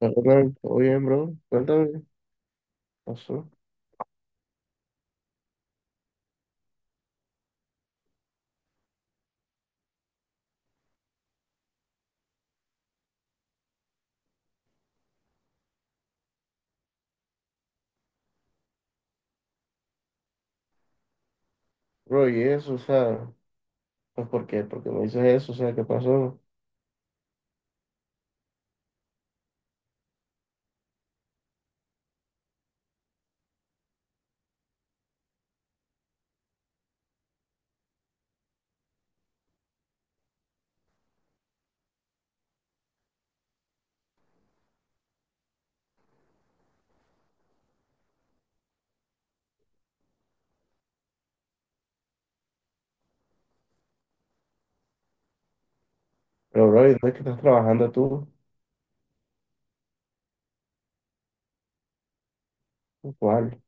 Hola, Ronald. ¿Todo bien, bro? Cuéntame, ¿qué pasó? Bro, y eso, o sea, pues ¿por qué? ¿Por qué me dices eso? O sea, ¿qué pasó? Pero, bro, ¿y dónde es que estás trabajando tú? ¿Cuál?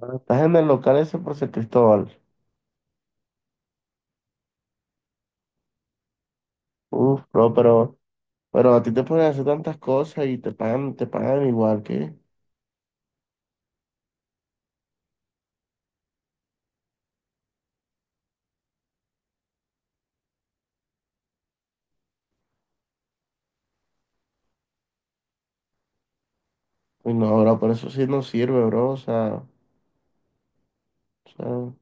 Ah, estás en el local ese por San Cristóbal. Uf, bro, pero a ti te pueden hacer tantas cosas y te pagan igual que. Uy, no, bro, por eso sí no sirve, bro. O sea,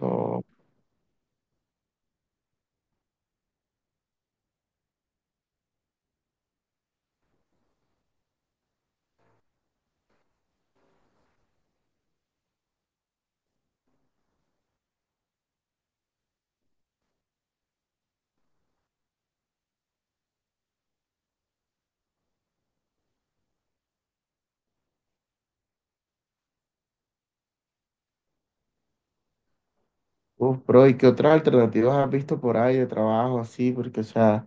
no. Uf, bro, ¿y qué otras alternativas has visto por ahí de trabajo así? Porque, o sea.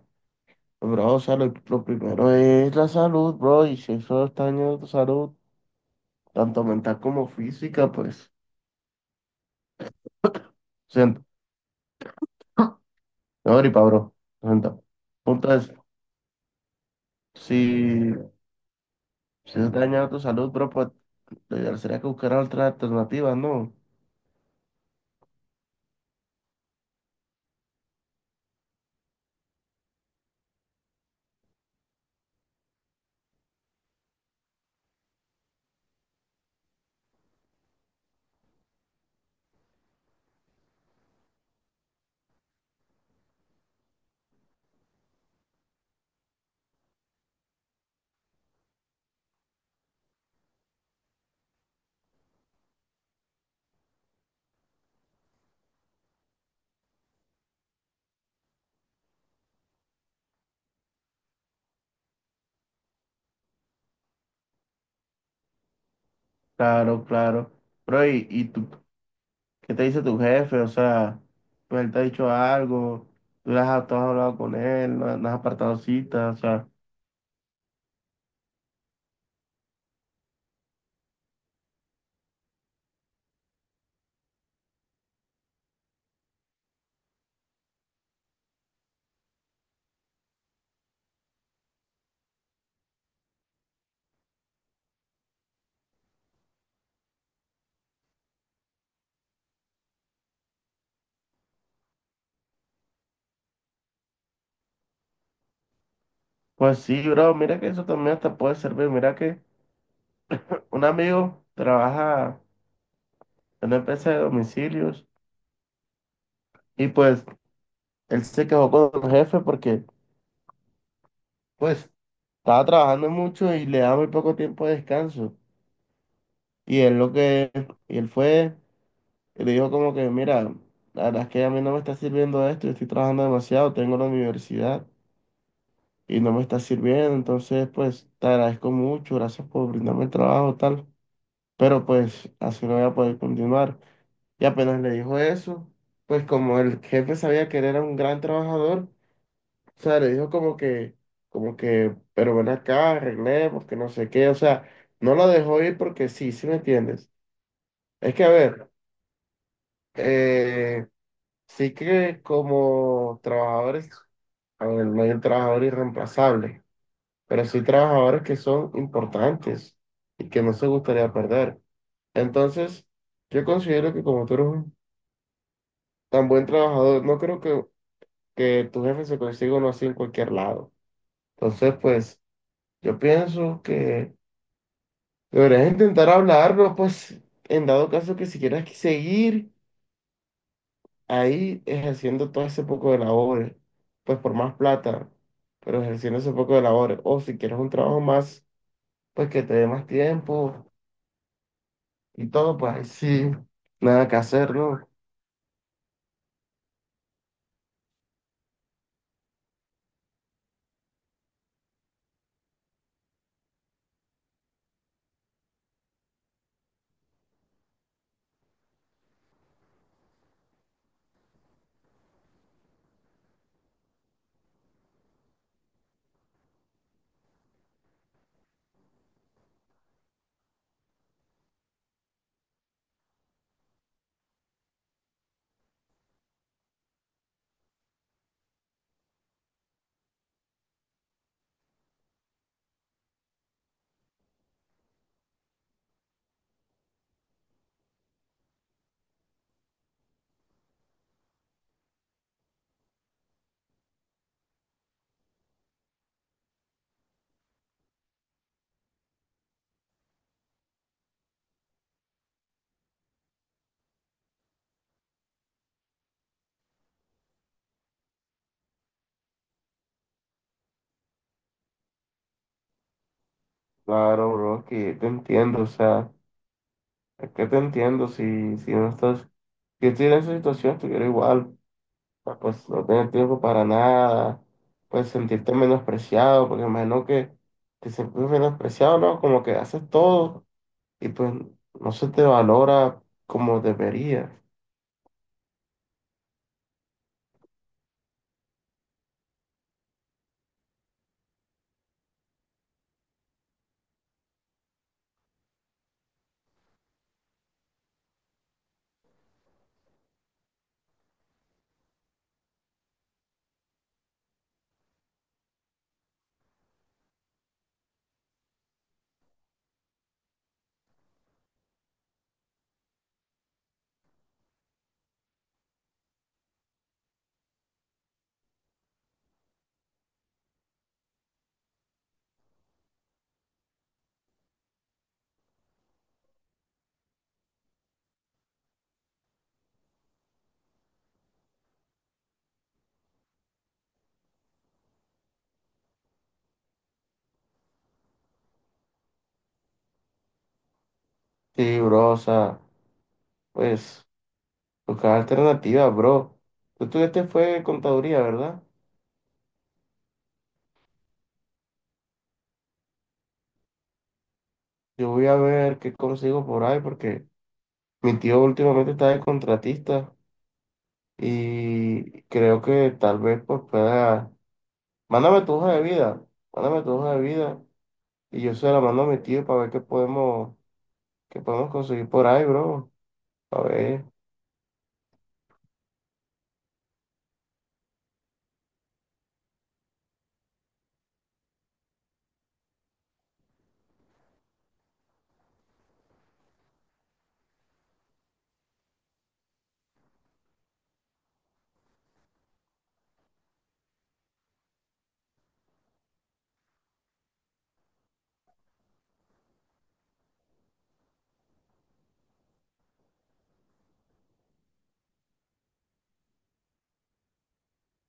Pues, bro, o sea, lo primero es la salud, bro, y si eso está dañando tu salud, tanto mental como física, pues, siento. No, gripa, bro, siento. Punto es, si, si está dañando tu salud, bro, pues, lo ideal sería que buscaras otras alternativas, ¿no? Claro, claro. Bro, y tú, qué te dice tu jefe? O sea, pues, él te ha dicho algo, tú, le has, tú has hablado con él, no, no has apartado citas, o sea, pues sí, bro, mira que eso también hasta puede servir, mira que un amigo trabaja en una empresa de domicilios y pues él se quejó con el jefe porque pues estaba trabajando mucho y le daba muy poco tiempo de descanso. Y él lo que, y él fue y le dijo como que, mira, la verdad es que a mí no me está sirviendo esto, yo estoy trabajando demasiado, tengo la universidad y no me está sirviendo, entonces pues te agradezco mucho, gracias por brindarme el trabajo, tal, pero pues así no voy a poder continuar. Y apenas le dijo eso, pues como el jefe sabía que él era un gran trabajador, o sea, le dijo como que, pero ven acá, arreglemos, que no sé qué, o sea, no lo dejó ir porque sí, sí me entiendes. Es que, a ver, eh, sí que como trabajadores, a ver, no hay un trabajador irreemplazable, pero sí trabajadores que son importantes y que no se gustaría perder. Entonces, yo considero que como tú eres un tan buen trabajador, no creo que tu jefe se consiga uno así en cualquier lado. Entonces, pues, yo pienso que deberías intentar hablarlo, pues, en dado caso que si quieres que seguir ahí ejerciendo todo ese poco de labores, pues por más plata, pero ejerciendo ese poco de labores, o si quieres un trabajo más, pues que te dé más tiempo y todo, pues ahí sí, nada que hacer, ¿no? Claro, bro, que te entiendo, o sea, es que te entiendo si, si no estás, si estoy en esa situación, estuviera igual. Pa- pues no tener tiempo para nada, pues sentirte menospreciado, porque imagino que te sientes menospreciado, ¿no? Como que haces todo y pues no se te valora como debería. Sí, bro, o sea, pues buscar alternativas, bro. Tú estuviste fue contaduría, ¿verdad? Yo voy a ver qué consigo por ahí porque mi tío últimamente está de contratista y creo que tal vez pues pueda... Mándame tu hoja de vida, mándame tu hoja de vida y yo se la mando a mi tío para ver qué podemos conseguir por ahí, bro. A ver,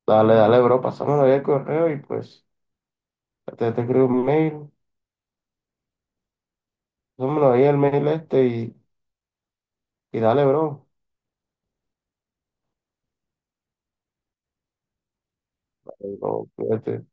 dale, dale, bro, pasámonos ahí el correo y pues te escribo un mail, pasámonos ahí el mail este y dale, bro. Dale, bro, cuídate.